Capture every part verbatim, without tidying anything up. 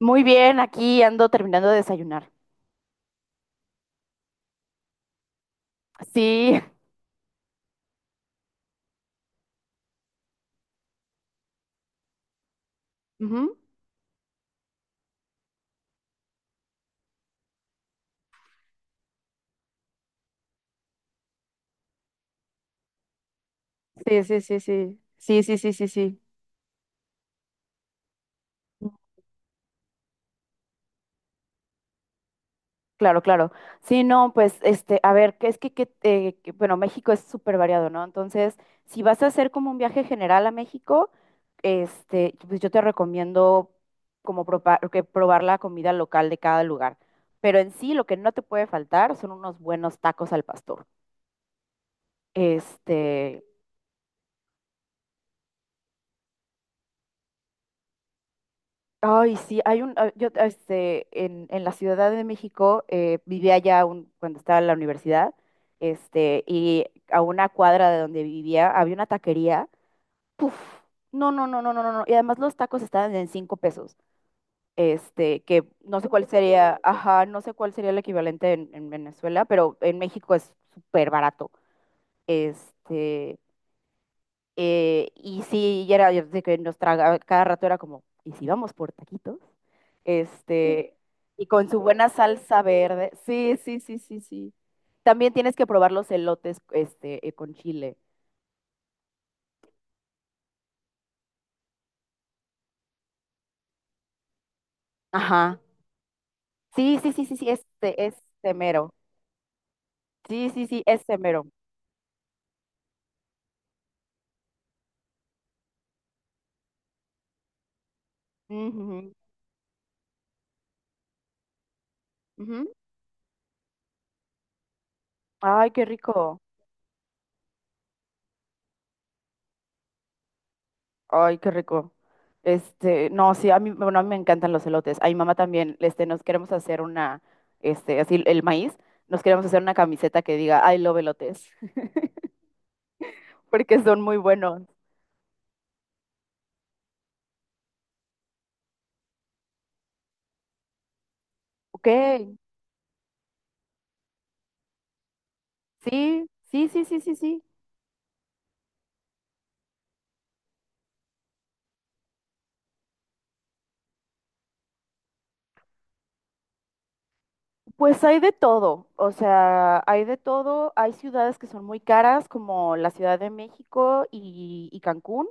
Muy bien, aquí ando terminando de desayunar. Sí, ujú. Sí, sí, sí, sí. Sí, sí, sí, sí, sí. Claro, claro. Sí, no, pues, este, a ver, que es que, que, eh, que, bueno, México es súper variado, ¿no? Entonces, si vas a hacer como un viaje general a México, este, pues yo te recomiendo como propa- que probar la comida local de cada lugar. Pero en sí, lo que no te puede faltar son unos buenos tacos al pastor. Este, Ay, sí, hay un, ah, yo, este, en, en la Ciudad de México, eh, vivía allá un- cuando estaba en la universidad, este, y a una cuadra de donde vivía había una taquería, puf, no, no, no, no, no, no, no, y además los tacos estaban en cinco pesos, este, que no sé cuál sería, ajá, no sé cuál sería el equivalente en, en Venezuela, pero en México es súper barato, este, eh, y sí, y era yo sé que nos traga, cada rato era como, ¿y si vamos por taquitos? Este, y con su buena salsa verde. Sí, sí, sí, sí, sí. También tienes que probar los elotes, este, eh, con chile. Ajá. Sí, sí, sí, sí, sí, este, este mero. Sí, sí, sí, este mero. Ujú, ujú. Ay, qué rico. Ay, qué rico. Este, no, sí, a mí, bueno, a mí me encantan los elotes. A mi mamá también, este, nos queremos hacer una, este, así el maíz, nos queremos hacer una camiseta que diga I love elotes, porque son muy buenos. Ok, sí, sí, sí, sí, sí, sí. Pues hay de todo, o sea, hay de todo. Hay ciudades que son muy caras, como la Ciudad de México y, y Cancún,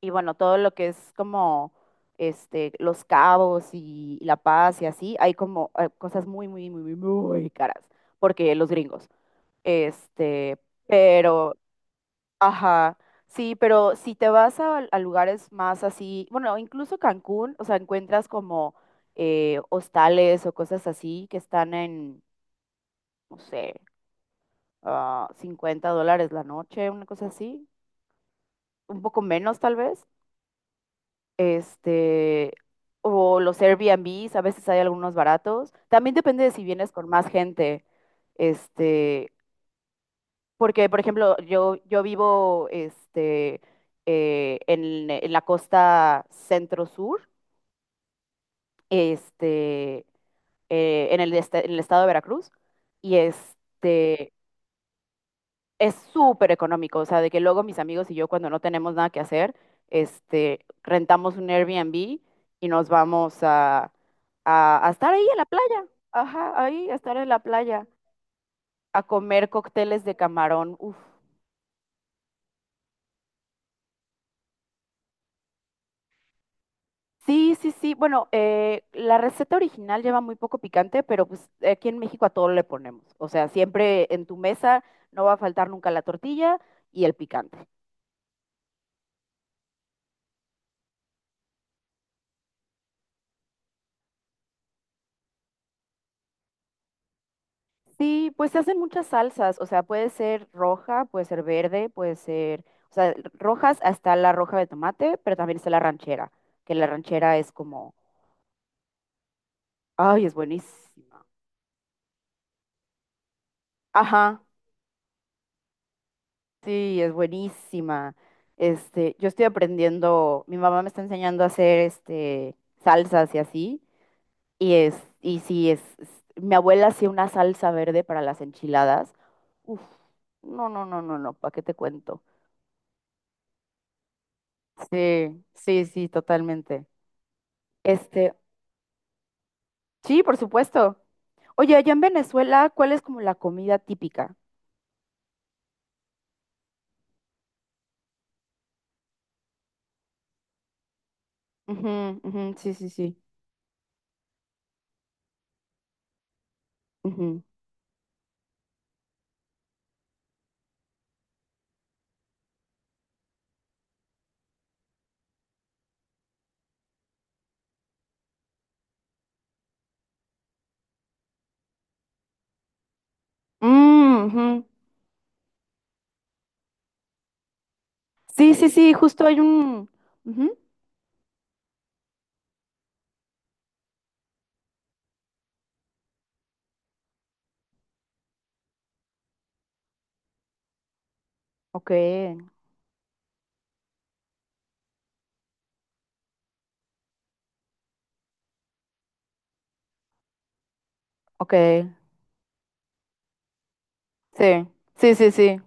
y bueno, todo lo que es como este, Los Cabos y, y La Paz y así, hay como eh, cosas muy, muy, muy, muy, muy caras, porque los gringos. Este, pero, ajá, sí, pero si te vas a, a lugares más así, bueno, incluso Cancún, o sea, encuentras como eh, hostales o cosas así que están en no sé, ah, cincuenta dólares la noche, una cosa así, un poco menos tal vez. Este, o los Airbnbs, a veces hay algunos baratos. También depende de si vienes con más gente. Este, Porque, por ejemplo, yo, yo vivo este, eh, en, en la costa centro-sur, este, eh, en el, este- en el estado de Veracruz, y este es súper económico, o sea, de que luego mis amigos y yo cuando no tenemos nada que hacer, este, rentamos un Airbnb y nos vamos a, a, a estar ahí en la playa, ajá, ahí a estar en la playa, a comer cócteles de camarón, uf. Sí, sí, sí, bueno, eh, la receta original lleva muy poco picante, pero pues aquí en México a todo le ponemos, o sea, siempre en tu mesa no va a faltar nunca la tortilla y el picante. Sí, pues se hacen muchas salsas, o sea, puede ser roja, puede ser verde, puede ser, o sea, rojas hasta la roja de tomate, pero también está la ranchera, que la ranchera es como, ay, es buenísima. Ajá, sí, es buenísima. Este, yo estoy aprendiendo, mi mamá me está enseñando a hacer este salsas y así, y es y sí es, es- mi abuela hacía una salsa verde para las enchiladas. Uf, no, no, no, no, no, ¿para qué te cuento? Sí, sí, sí, totalmente. Este, sí, por supuesto. Oye, allá en Venezuela, ¿cuál es como la comida típica? Ujú, ujú, sí, sí, sí. Ujú. Mm, ujú. Sí, sí, sí, justo hay un. Ujú. Ok, ok. Sí, sí, sí, sí.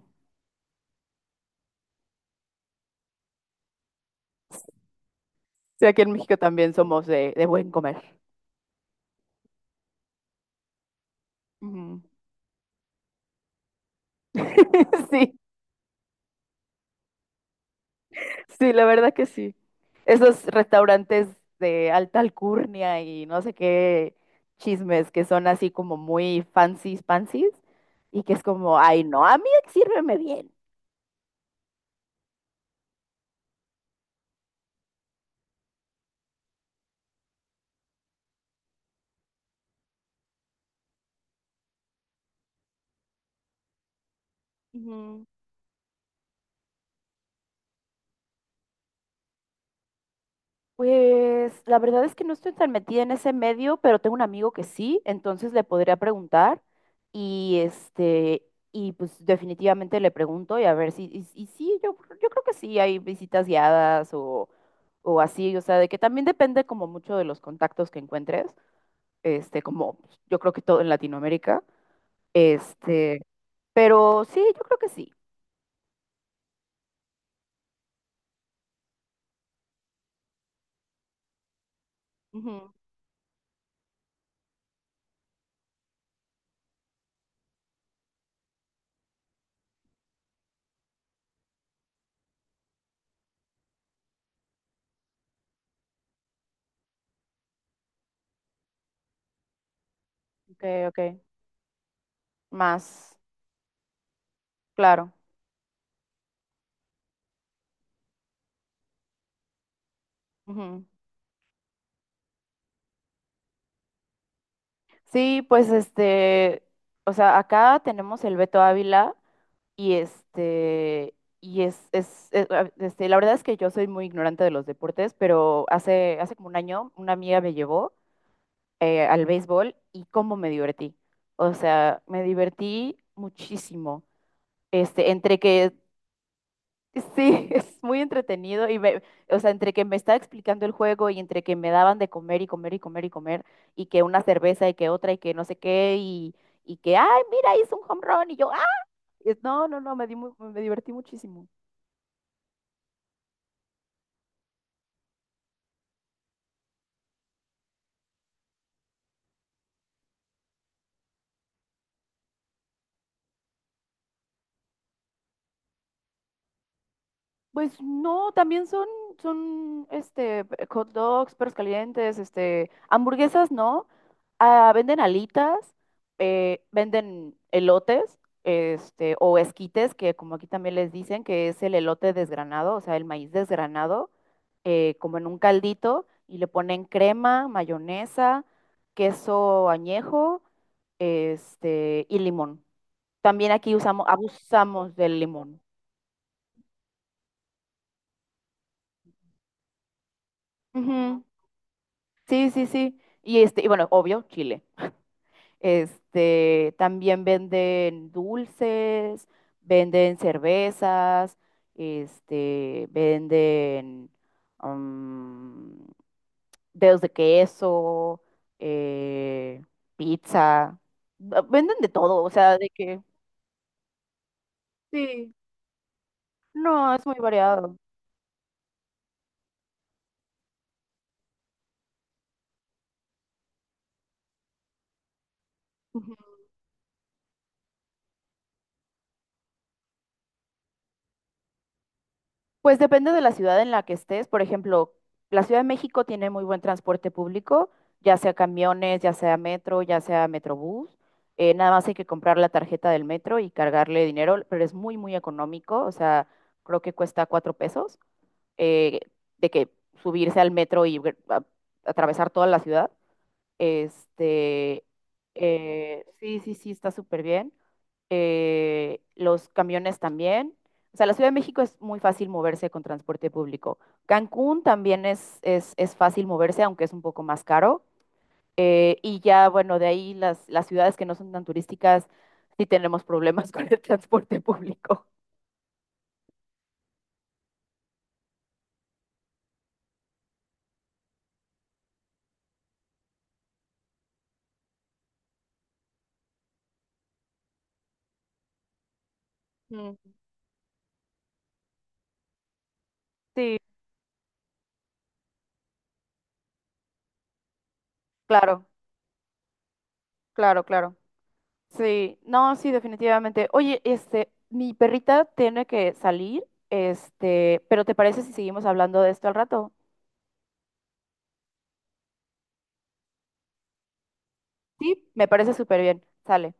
Sí, aquí en México también somos de, de buen comer. Ujú. Sí, sí, la verdad que sí. Esos restaurantes de alta alcurnia y no sé qué chismes que son así como muy fancies, fancies, y que es como, ay, no, a mí sírveme bien. Ujú. Pues la verdad es que no estoy tan metida en ese medio, pero tengo un amigo que sí, entonces le podría preguntar y este y pues definitivamente le pregunto y a ver si y, y sí, yo yo creo que sí hay visitas guiadas o o así, o sea, de que también depende como mucho de los contactos que encuentres, este como pues, yo creo que todo en Latinoamérica, este, pero sí, yo creo que sí. Ujú. Ok, ok, más claro. Ujú. Sí, pues este, o sea, acá tenemos el Beto Ávila y este, y es, es, es- a- este, la verdad es que yo soy muy ignorante de los deportes, pero hace, hace como un año una amiga me llevó eh, al béisbol y cómo me divertí. O sea, me divertí muchísimo. Este, entre que Sí, es muy entretenido y me, o sea, entre que me estaba explicando el juego y entre que me daban de comer y comer y comer y comer y que una cerveza y que otra y que no sé qué y, y que, ay, mira, hizo un home run y yo, ah, Y es- no, no, no, me di mu- me divertí muchísimo. Pues no, también son, son este, hot dogs, perros calientes, este, hamburguesas, ¿no? Ah, venden alitas, eh, venden elotes, este, o esquites, que como aquí también les dicen, que es el elote desgranado, o sea, el maíz desgranado, eh, como en un caldito, y le ponen crema, mayonesa, queso añejo, este, y limón. También aquí usamos, abusamos del limón. Sí, sí, sí. Y este, y bueno, obvio, Chile. Este, también venden dulces, venden cervezas, este, venden mm, dedos de queso, eh, pizza. v- Venden de todo, o sea, de que sí, no, es muy variado. Pues depende de la ciudad en la que estés. Por ejemplo, la Ciudad de México tiene muy buen transporte público, ya sea camiones, ya sea metro, ya sea metrobús. Eh, nada más hay que comprar la tarjeta del metro y cargarle dinero, pero es muy, muy económico. O sea, creo que cuesta cuatro pesos eh, de que subirse al metro y ver- a- atravesar toda la ciudad. Este, eh, sí, sí, sí, está súper bien. Eh, los camiones también. O sea, la Ciudad de México es muy fácil moverse con transporte público. Cancún también es, es, es fácil moverse, aunque es un poco más caro. Eh, y ya, bueno, de ahí las, las ciudades que no son tan turísticas, sí tenemos problemas con el transporte público. Mm. Sí, claro, claro, claro. Sí, no, sí, definitivamente. Oye, este, mi perrita tiene que salir, este, pero ¿te parece si seguimos hablando de esto al rato? Sí, me parece súper bien. Sale.